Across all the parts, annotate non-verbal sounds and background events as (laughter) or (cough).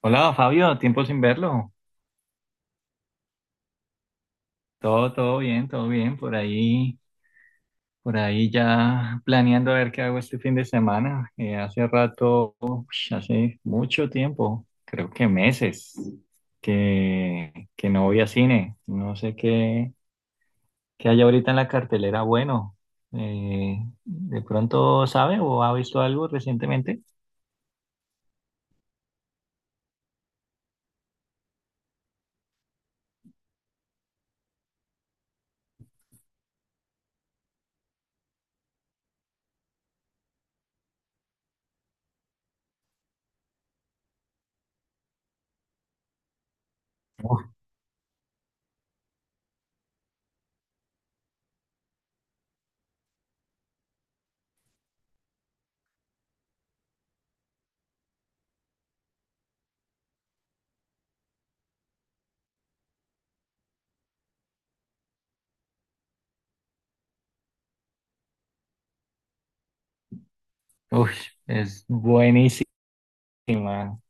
Hola Fabio, tiempo sin verlo. Todo bien, todo bien. Por ahí ya planeando a ver qué hago este fin de semana. Hace rato, hace mucho tiempo, creo que meses, que no voy a cine. No sé qué hay ahorita en la cartelera. Bueno, eh, ¿de pronto sabe o ha visto algo recientemente? Uf, uf, es buenísima.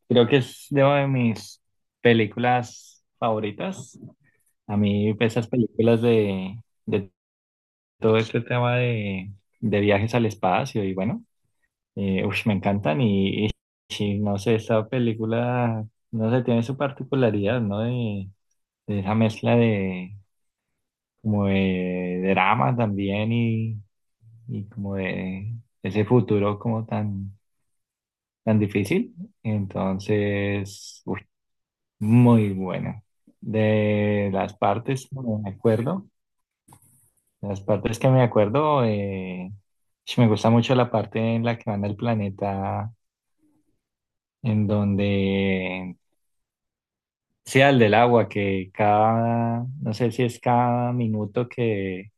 Creo que es de una de mis películas favoritas. A mí pues, esas películas de, de todo este tema de, viajes al espacio y bueno, me encantan y no sé, esta película, no sé, tiene su particularidad, ¿no? De, esa mezcla de como de drama también y como de ese futuro como tan, tan difícil. Entonces, uy, muy buena. De las partes, no me acuerdo. Las partes que me acuerdo, sí, me gusta mucho la parte en la que van al planeta, en donde sea el del agua, que cada, no sé si es cada minuto que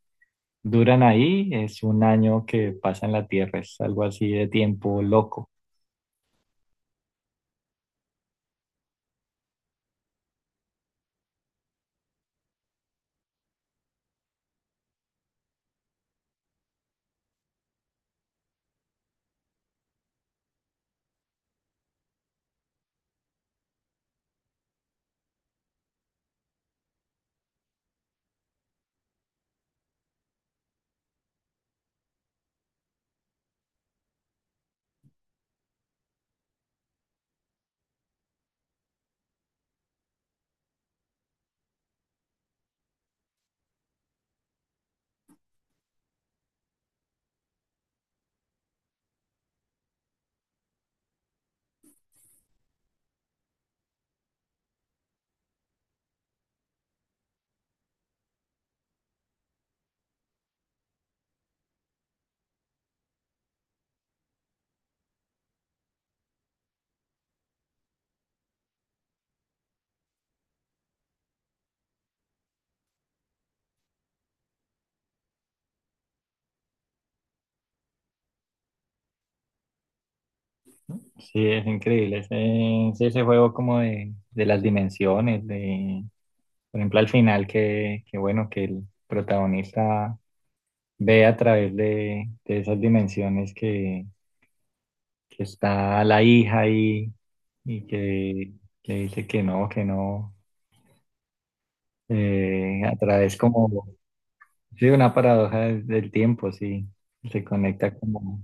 duran ahí, es un año que pasa en la Tierra, es algo así de tiempo loco. Sí, es increíble ese, sí, ese juego como de, las dimensiones, de, por ejemplo, al final que, bueno, que el protagonista ve a través de, esas dimensiones que está la hija ahí y que le dice que no, a través como, sí, una paradoja del, tiempo, sí, se conecta como,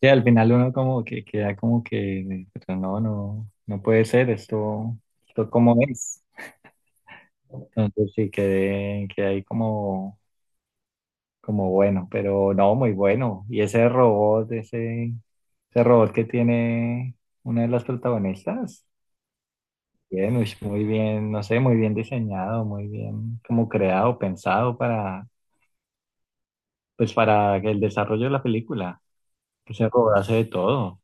sí, al final uno como que queda como que, pero no, no, no puede ser esto, esto como es. Entonces sí, quedé ahí como bueno, pero no, muy bueno. Y ese robot, ese robot que tiene una de las protagonistas. Bien, uy, muy bien, no sé, muy bien diseñado, muy bien como creado, pensado para, pues para el desarrollo de la película. Pues ese robot hace de todo.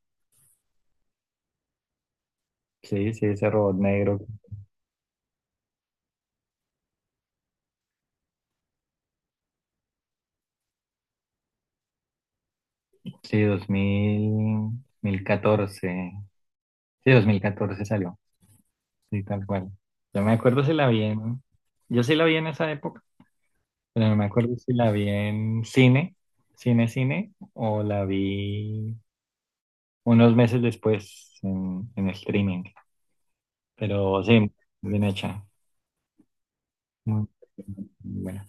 Sí, sí, ese robot negro. Sí, dos mil catorce. Sí, 2014 salió. Sí, tal cual. Yo me acuerdo si la vi en, yo sí la vi en esa época, pero no me acuerdo si la vi en cine, cine, cine, o la vi unos meses después en, streaming. Pero sí, bien hecha. Muy bueno.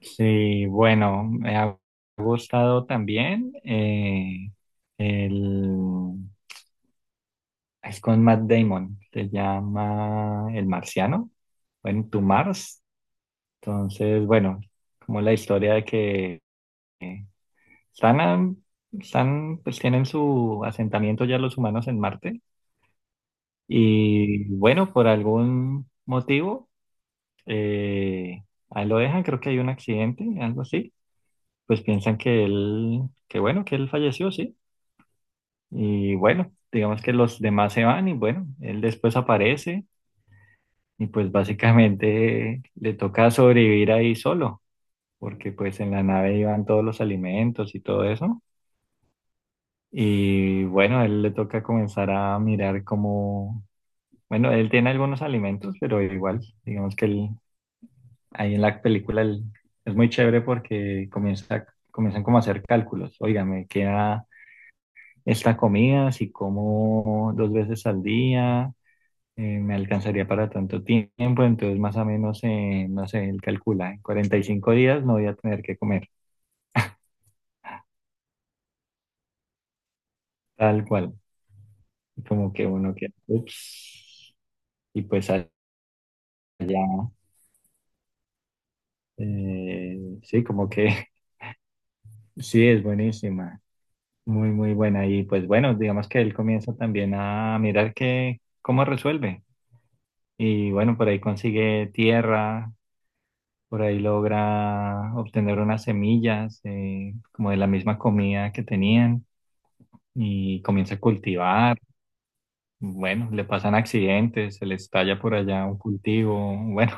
Sí, bueno, me ha gustado también, el es con Matt Damon, se llama El Marciano, bueno, To Mars. Entonces, bueno, como la historia de que están, a- están, pues tienen su asentamiento ya los humanos en Marte y bueno, por algún motivo, eh, ahí lo dejan, creo que hay un accidente, algo así, pues piensan que él, que bueno, que él falleció, sí. Y bueno, digamos que los demás se van y bueno, él después aparece y pues básicamente (laughs) le toca sobrevivir ahí solo, porque pues en la nave iban todos los alimentos y todo eso. Y bueno, a él le toca comenzar a mirar cómo, bueno, él tiene algunos alimentos, pero igual, digamos que él, ahí en la película es muy chévere porque comienzan como a hacer cálculos. Oiga, me queda esta comida, si como dos veces al día, me alcanzaría para tanto tiempo, entonces más o menos, no sé, él calcula, en 45 días no voy a tener que comer, tal cual, como que uno que, ups, y pues allá, sí, como que (laughs) sí, es buenísima, muy, muy buena, y pues bueno, digamos que él comienza también a mirar que, cómo resuelve, y bueno, por ahí consigue tierra. Por ahí logra obtener unas semillas, como de la misma comida que tenían y comienza a cultivar. Bueno, le pasan accidentes, se le estalla por allá un cultivo. Bueno,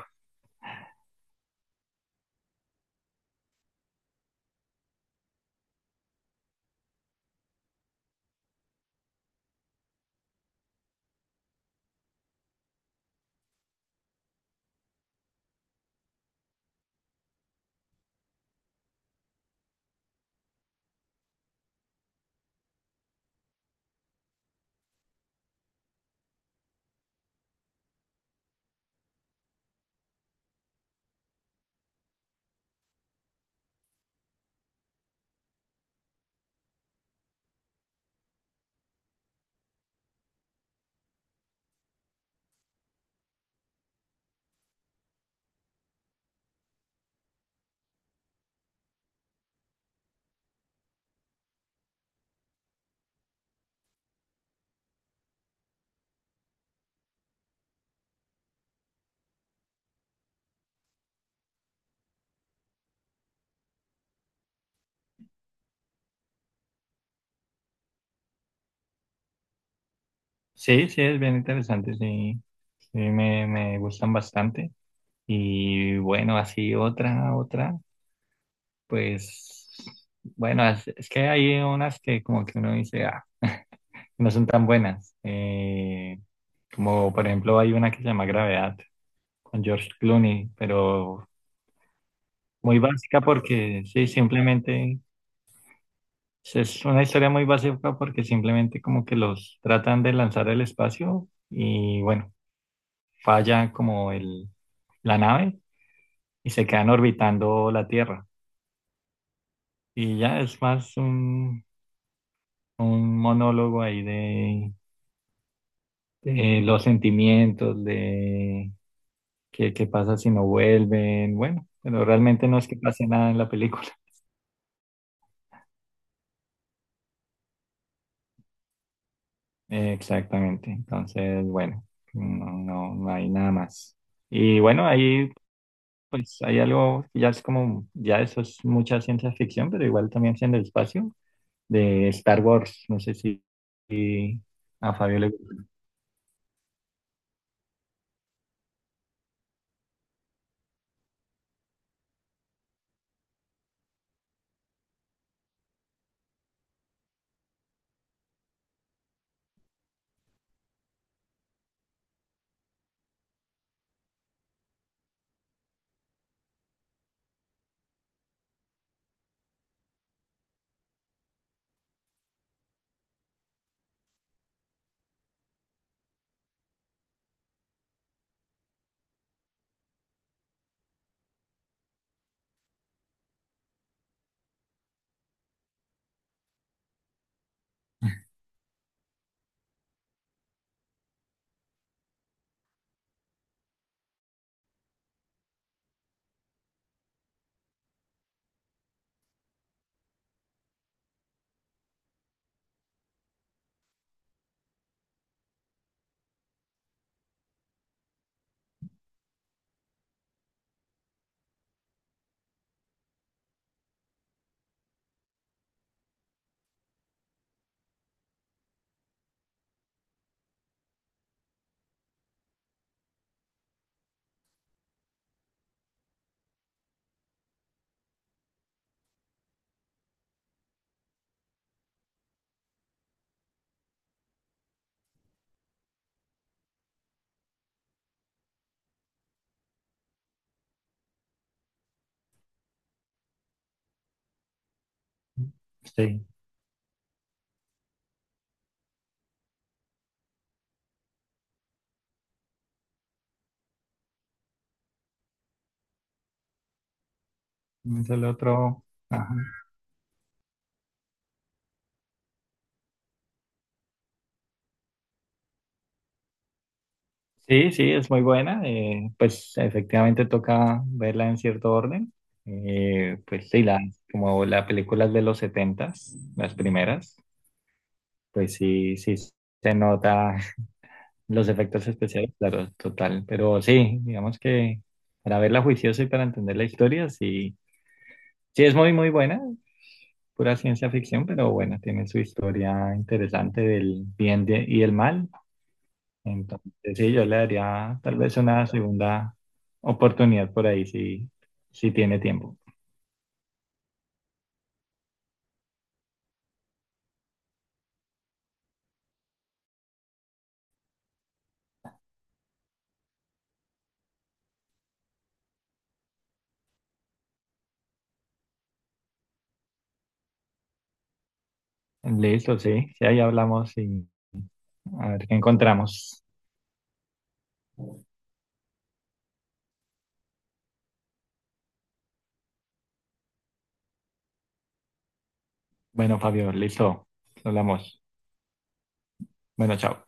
(laughs) sí, sí, es bien interesante, sí, sí, me gustan bastante. Y bueno, así otra, pues bueno, es que hay unas que como que uno dice, ah, no son tan buenas. Como por ejemplo hay una que se llama Gravedad, con George Clooney, pero muy básica porque sí, simplemente es una historia muy básica porque simplemente como que los tratan de lanzar al espacio y bueno, falla como la nave y se quedan orbitando la Tierra. Y ya es más un monólogo ahí de, los sentimientos, de qué, pasa si no vuelven, bueno, pero realmente no es que pase nada en la película. Exactamente. Entonces, bueno, no, no, no hay nada más. Y bueno, ahí pues hay algo, que ya es como, ya eso es mucha ciencia ficción, pero igual también es en el espacio, de Star Wars. No sé si a Fabio le gusta. Sí, es el otro. Ajá. Sí, sí, es muy buena. Pues efectivamente toca verla en cierto orden. Pues sí, como las películas de los setentas, las primeras, pues sí, sí se nota. Los efectos especiales, claro, total. Pero sí, digamos que para verla juiciosa y para entender la historia, sí, sí es muy, muy buena, pura ciencia ficción, pero bueno, tiene su historia interesante del bien y el mal. Entonces, sí, yo le daría tal vez una segunda oportunidad por ahí, si tiene tiempo. Listo, sí, sí, ahí hablamos y a ver qué encontramos. Bueno, Fabio, listo, hablamos. Bueno, chao.